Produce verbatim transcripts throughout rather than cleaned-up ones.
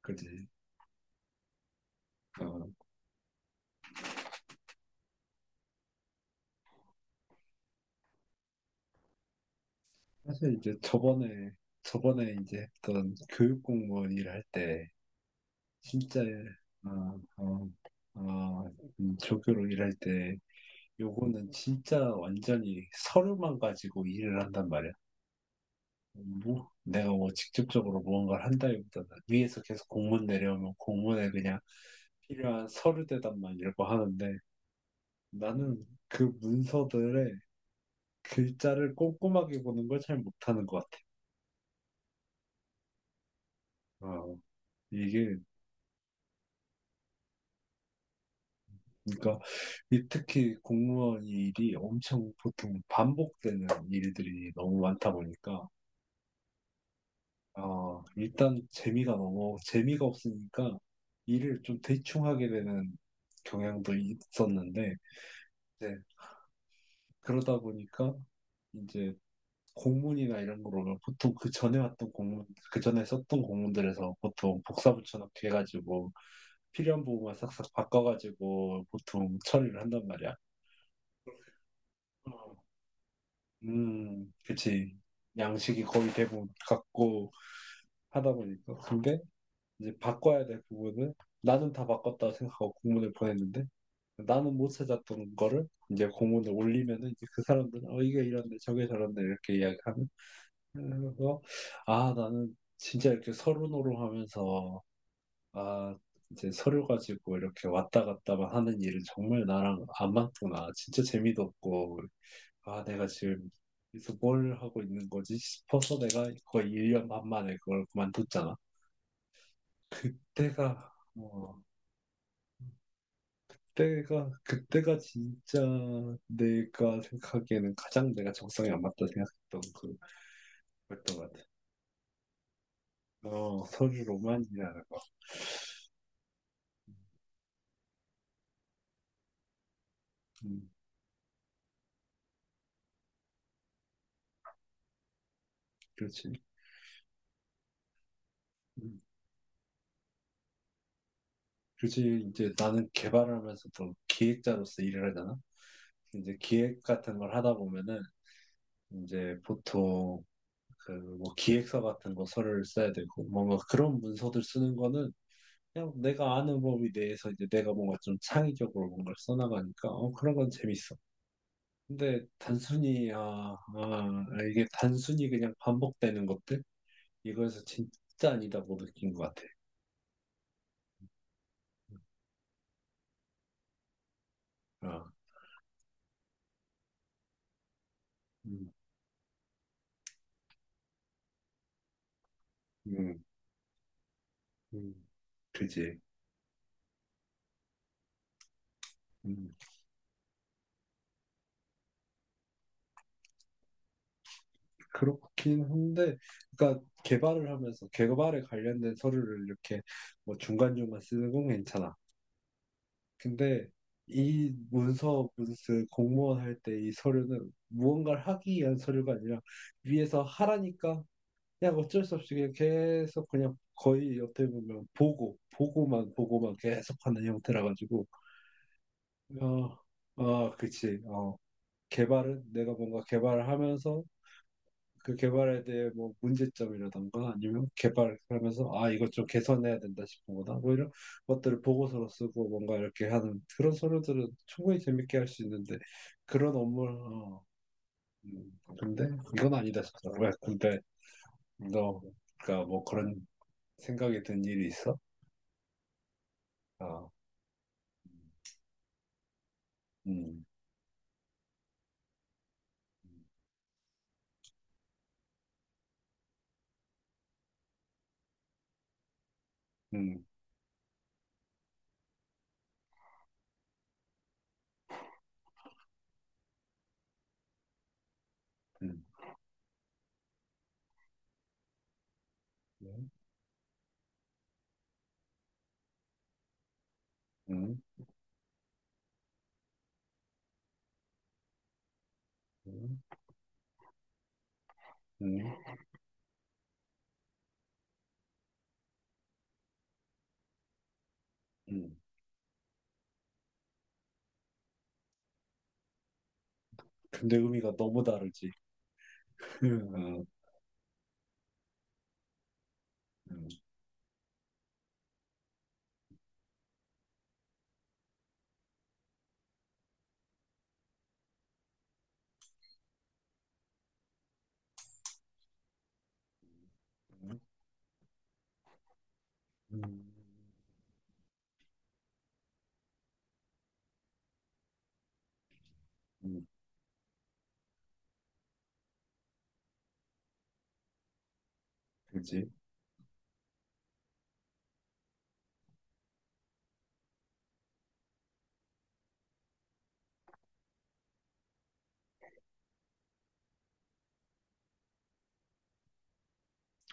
그지. 어, 사실 이제 저번에, 저번에 이제 했던 교육 공무원 일할 때, 진짜, 어, 어, 어, 음, 조교로 일할 때, 요거는 진짜 완전히 서류만 가지고 일을 한단 말이야. 뭐, 내가 뭐 직접적으로 무언가를 한다기보다는 위에서 계속 공문 내려오면 공문에 그냥 필요한 서류 대답만 읽고 하는데, 나는 그 문서들의 글자를 꼼꼼하게 보는 걸 잘 못하는 것 같아. 어. 이게 그러니까 이 특히 공무원 일이 엄청 보통 반복되는 일들이 너무 많다 보니까 아, 일단 재미가 너무 재미가 없으니까 일을 좀 대충 하게 되는 경향도 있었는데 이제 그러다 보니까 이제 공문이나 이런 거 보면 보통 그 전에 왔던 공문 그 전에 썼던 공문들에서 보통 복사 붙여넣기 해가지고 필요한 부분만 싹싹 바꿔가지고 보통 처리를 한단 말이야. 음, 그치. 양식이 거의 대부분 같고 하다 보니까. 근데 이제 바꿔야 될 부분은 나는 다 바꿨다고 생각하고 공문을 보냈는데 나는 못 찾았던 거를 이제 공문을 올리면은 이제 그 사람들은 어, 이게 이런데 저게 저런데 이렇게 이야기하면 그래서 아, 나는 진짜 이렇게 서로노로 하면서 아, 이제 서류 가지고 이렇게 왔다 갔다만 하는 일은 정말 나랑 안 맞구나. 진짜 재미도 없고 아, 내가 지금 여기서 뭘 하고 있는 거지 싶어서 내가 거의 일 년 반 만에 그걸 그만뒀잖아. 그때가, 어, 그때가, 그때가 진짜 내가 생각하기에는 가장 내가 적성에 안 맞다 생각했던 그, 그랬던 것 같아. 어, 서류 로만이라는 거. 음, 그렇지. 음, 그렇지. 이제 나는 개발하면서도 기획자로서 일을 하잖아. 이제 기획 같은 걸 하다 보면은 이제 보통 그 뭐 기획서 같은 거 서류를 써야 되고 뭔가 그런 문서들 쓰는 거는 그냥 내가 아는 범위 내에서 이제 내가 뭔가 좀 창의적으로 뭔가를 써나가니까 어 그런 건 재밌어. 근데 단순히 아, 아 아, 이게 단순히 그냥 반복되는 것들 이거에서 진짜 아니다고 느낀 것 같아. 아, 음, 음, 음, 그지. 음, 그렇긴 한데, 그러니까 개발을 하면서 개발에 관련된 서류를 이렇게 뭐 중간중간 쓰는 건 괜찮아. 근데 이 문서 문스 공무원 할 때 이 서류는 무언가를 하기 위한 서류가 아니라 위에서 하라니까 그냥 어쩔 수 없이 그냥 계속 그냥 거의 어떻게 보면 보고 보고만 보고만 계속 하는 형태라 가지고 아, 어 아, 그치 어 개발은 내가 뭔가 개발을 하면서 그 개발에 대해 뭐 문제점이라던가 아니면 개발하면서 아 이것 좀 개선해야 된다 싶은 거다 뭐 이런 것들을 보고서로 쓰고 뭔가 이렇게 하는 그런 서류들은 충분히 재밌게 할 수 있는데 그런 업무를 어, 음, 근데 이건 아니다 싶다 왜 근데 너가 뭐 그런 생각이 든 일이 있어? 아, 음, 음, 음, 음, 음, 음, 음, 음. 근데 의미가 너무 다르지. 음, 음, 음, 음. 그지?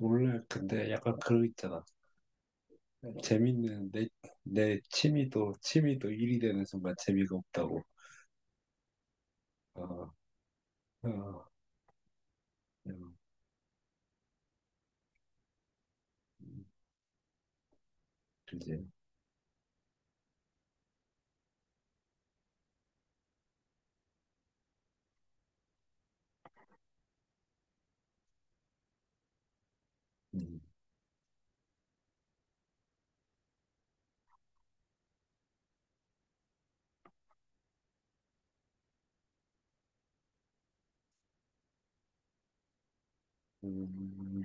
원래 근데 약간 그거 있잖아. 재밌는 내, 내 취미도 취미도 일이 되는 순간 재미가 없다고. 아, 아, 음, 그지? 음, 음,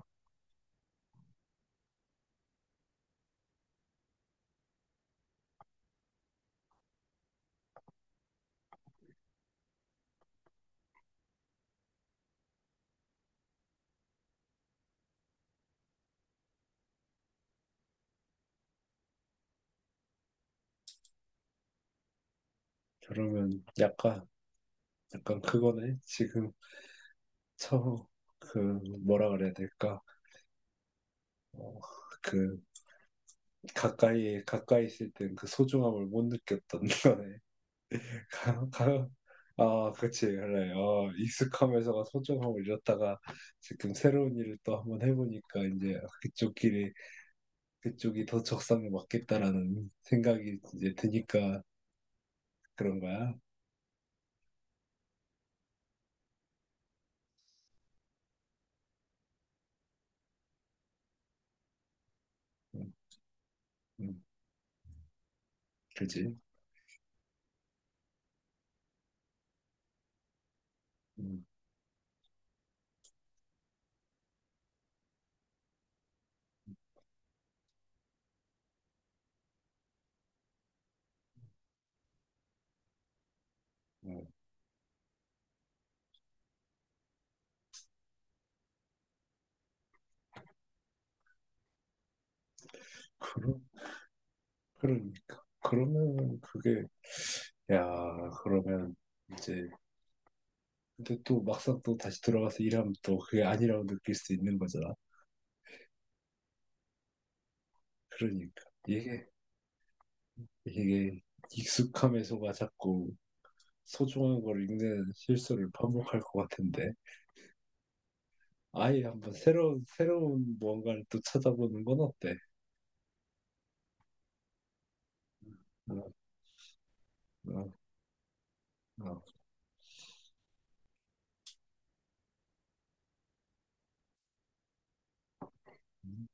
그러면 약간 약간 그거네. 지금 처음 그 뭐라 그래야 될까? 어, 그 가까이 가까이 있을 땐 그 소중함을 못 느꼈던 거네. 가, 가, 아, 그치, 그래. 어, 익숙하면서가 소중함을 잃었다가 지금 새로운 일을 또 한번 해보니까 이제 그쪽 길이, 그쪽이 더 적성에 맞겠다라는 생각이 이제 드니까 그런 거야. 음, 음, 그지? 음, 어, 그러, 그러니까. 그러면 그게, 야, 그러면 이제, 근데 또 막상 또 다시 돌아가서 일하면 또 그게 아니라고 느낄 수 있는 거잖아. 그러니까. 이게, 이게 익숙함에서가 자꾸 소중한 걸 읽는 실수를 반복할 것 같은데 아예 한번 새로운 새로운 무언가를 또 찾아보는 건 어때? 어, 어, 어, 음,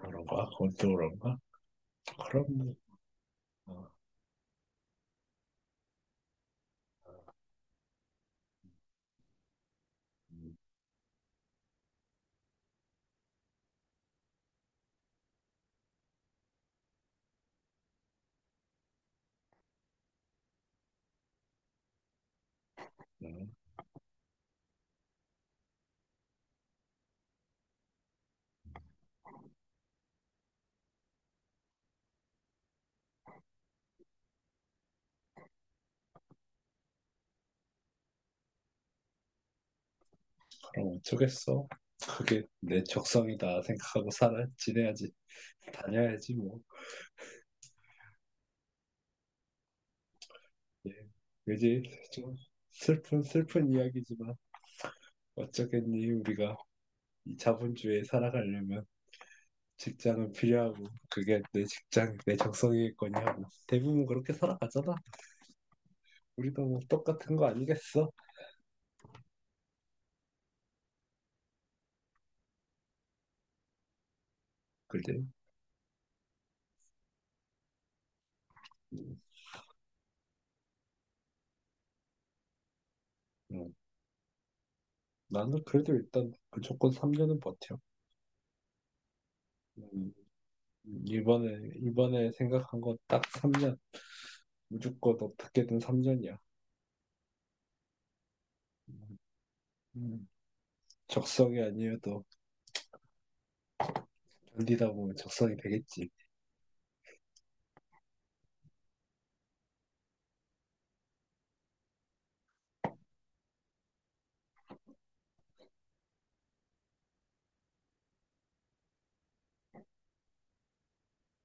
그런가? 그것도 그런가? 그럼 뭐, 어, 음, 음, 그럼 어쩌겠어? 그게 내 적성이다 생각하고 살아 지내야지 다녀야지 뭐 예. 그지? 좀 슬픈 슬픈 이야기지만 어쩌겠니 우리가 이 자본주의에 살아가려면 직장은 필요하고 그게 내 직장, 내 적성이겠거냐고. 대부분 그렇게 살아가잖아. 우리도 뭐 똑같은 거 아니겠어? 그지? 음, 음. 나는 그래도 일단 무조건 삼 년은 버텨. 음, 이번에 이번에 생각한 거 딱 삼 년. 무조건 어떻게든 삼 년이야. 적성이 아니어도 견디다 보면 적성이 되겠지.